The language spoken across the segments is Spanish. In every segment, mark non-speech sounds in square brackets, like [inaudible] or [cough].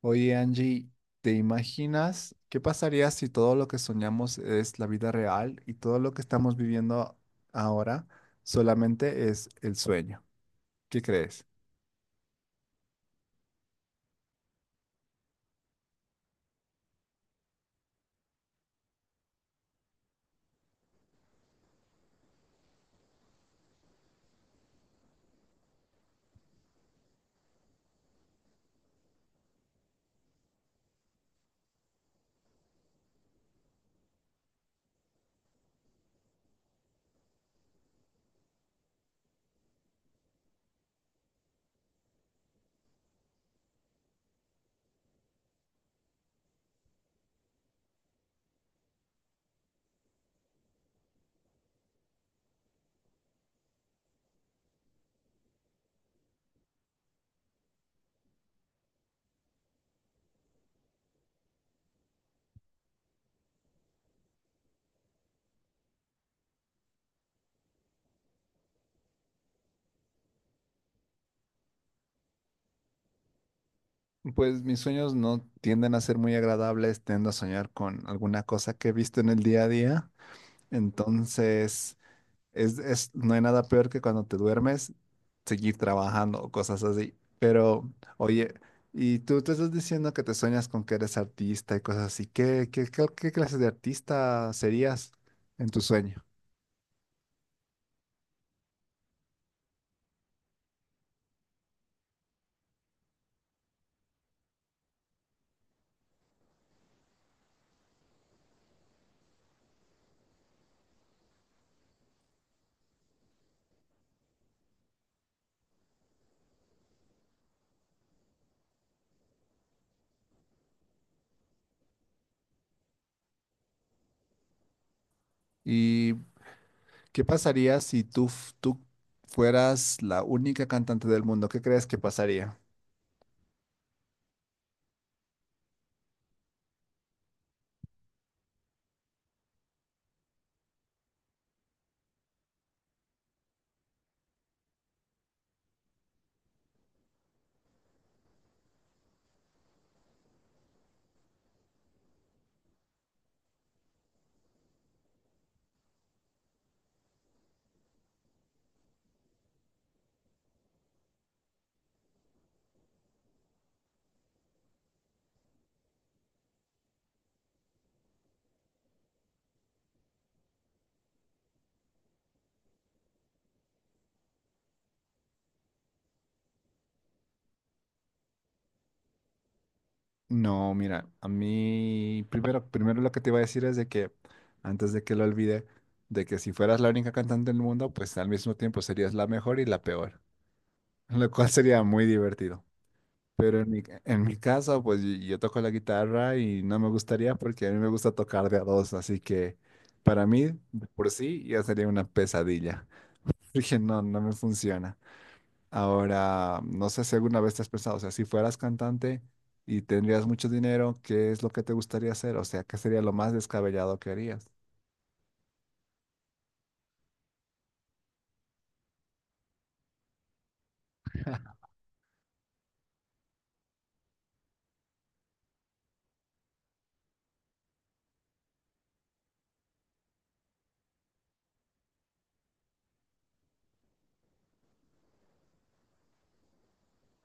Oye, Angie, ¿te imaginas qué pasaría si todo lo que soñamos es la vida real y todo lo que estamos viviendo ahora solamente es el sueño? ¿Qué crees? Pues mis sueños no tienden a ser muy agradables, tiendo a soñar con alguna cosa que he visto en el día a día. Entonces, es no hay nada peor que cuando te duermes seguir trabajando o cosas así. Pero, oye, y tú te estás diciendo que te sueñas con que eres artista y cosas así. ¿Qué clase de artista serías en tu sueño? ¿Y qué pasaría si tú fueras la única cantante del mundo? ¿Qué crees que pasaría? No, mira, a mí primero lo que te iba a decir es de que, antes de que lo olvide, de que si fueras la única cantante del mundo, pues al mismo tiempo serías la mejor y la peor, [laughs] lo cual sería muy divertido. Pero en mi caso, pues yo toco la guitarra y no me gustaría porque a mí me gusta tocar de a dos, así que para mí, de por sí, ya sería una pesadilla. [laughs] Dije, no me funciona. Ahora, no sé si alguna vez te has pensado, o sea, si fueras cantante y tendrías mucho dinero, ¿qué es lo que te gustaría hacer? O sea, ¿qué sería lo más descabellado que harías?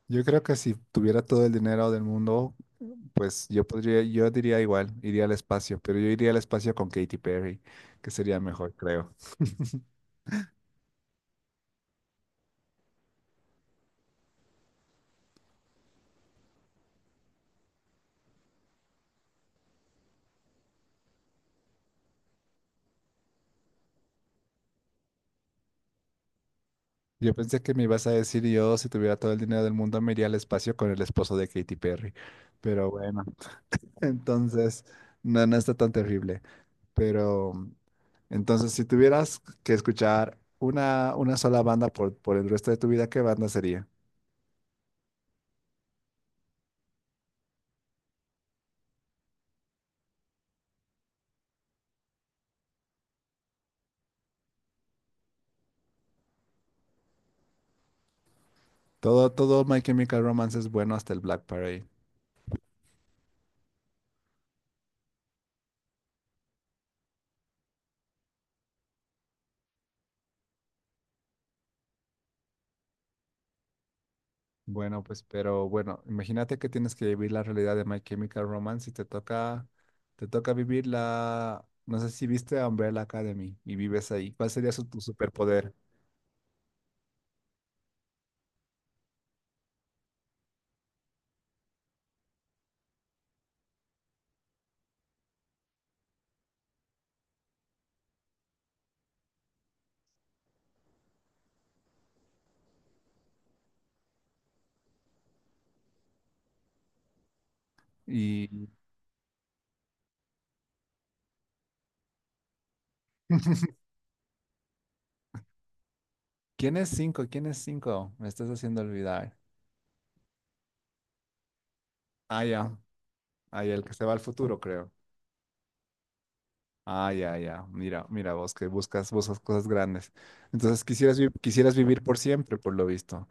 Yo creo que si tuviera todo el dinero del mundo, pues yo podría, yo diría igual, iría al espacio, pero yo iría al espacio con Katy Perry, que sería mejor, creo. Yo pensé que me ibas a decir yo, si tuviera todo el dinero del mundo, me iría al espacio con el esposo de Katy Perry. Pero bueno, [laughs] entonces, no, no está tan terrible. Pero entonces, si tuvieras que escuchar una sola banda por el resto de tu vida, ¿qué banda sería? Todo My Chemical Romance es bueno hasta el Black Parade. Bueno, pues, pero bueno, imagínate que tienes que vivir la realidad de My Chemical Romance y te toca vivir la, no sé si viste Umbrella Academy y vives ahí. ¿Cuál sería su, tu superpoder? ¿Y quién es cinco? ¿Quién es cinco? Me estás haciendo olvidar. Ah, ya. Ah, ya, el que se va al futuro, creo. Ah, ya, ya. Mira, mira vos que buscas, buscas cosas grandes. Entonces quisieras, quisieras vivir por siempre, por lo visto.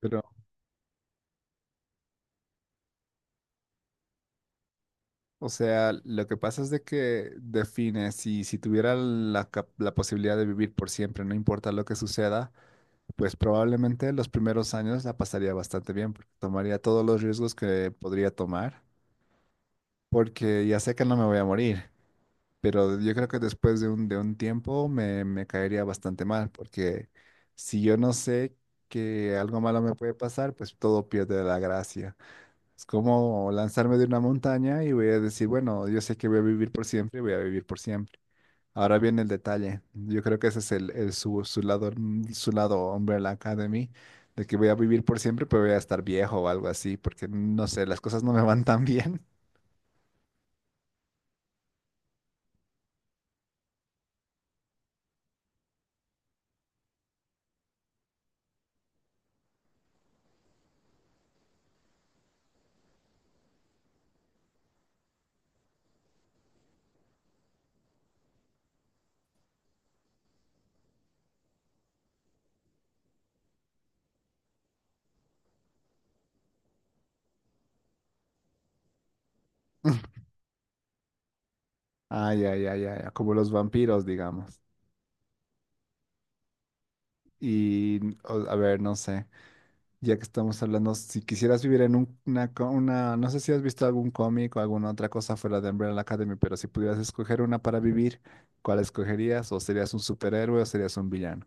Pero, o sea, lo que pasa es de que define, si, si tuviera la, la posibilidad de vivir por siempre, no importa lo que suceda, pues probablemente los primeros años la pasaría bastante bien, porque tomaría todos los riesgos que podría tomar, porque ya sé que no me voy a morir. Pero yo creo que después de un tiempo me caería bastante mal, porque si yo no sé que algo malo me puede pasar, pues todo pierde la gracia. Es como lanzarme de una montaña y voy a decir, bueno, yo sé que voy a vivir por siempre y voy a vivir por siempre. Ahora viene el detalle. Yo creo que ese es el su lado, su lado Umbrella Academy, de que voy a vivir por siempre, pero voy a estar viejo o algo así, porque no sé, las cosas no me van tan bien. [laughs] ah, ya, ya, ya, ya, como los vampiros, digamos. Y, a ver, no sé, ya que estamos hablando, si quisieras vivir en una, una, no sé si has visto algún cómic o alguna otra cosa fuera de Umbrella Academy, pero si pudieras escoger una para vivir, ¿cuál escogerías? ¿O serías un superhéroe o serías un villano?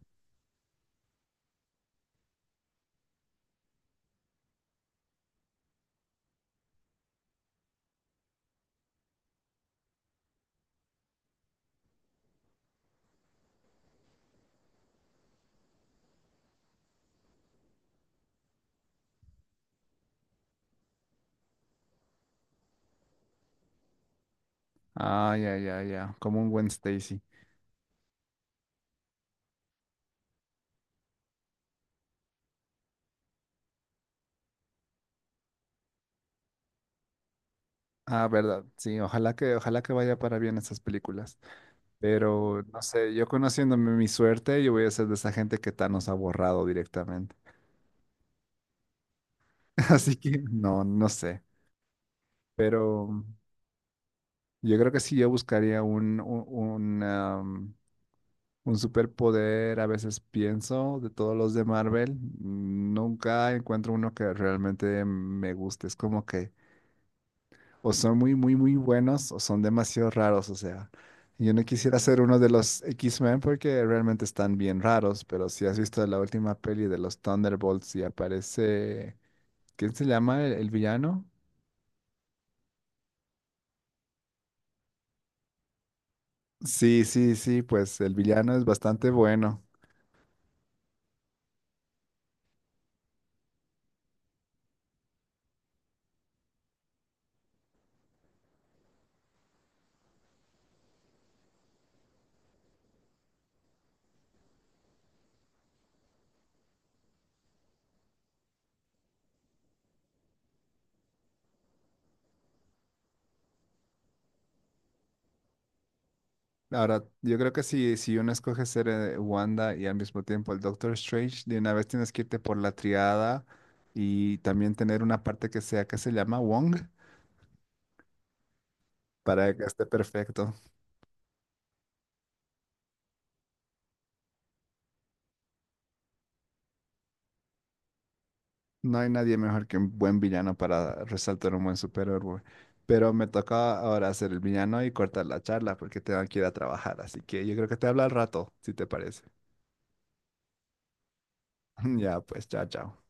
Ah, ya, ya, ya, como un Gwen Stacy. Ah, verdad, sí, ojalá que vaya para bien esas películas. Pero, no sé, yo conociéndome mi suerte, yo voy a ser de esa gente que Thanos ha borrado directamente. [laughs] Así que, no, no sé, pero... Yo creo que sí, yo buscaría un, un un superpoder. A veces pienso de todos los de Marvel. Nunca encuentro uno que realmente me guste. Es como que o son muy, muy, muy buenos o son demasiado raros. O sea, yo no quisiera ser uno de los X-Men porque realmente están bien raros. Pero si has visto la última peli de los Thunderbolts y aparece... ¿Quién se llama el villano? Sí, sí, sí, pues el villano es bastante bueno. Ahora, yo creo que si, si uno escoge ser Wanda y al mismo tiempo el Doctor Strange, de una vez tienes que irte por la triada y también tener una parte que sea que se llama Wong para que esté perfecto. No hay nadie mejor que un buen villano para resaltar un buen superhéroe. Pero me toca ahora ser el villano y cortar la charla porque tengo que ir a trabajar. Así que yo creo que te hablo al rato, si te parece. [laughs] Ya, pues, chao, chao.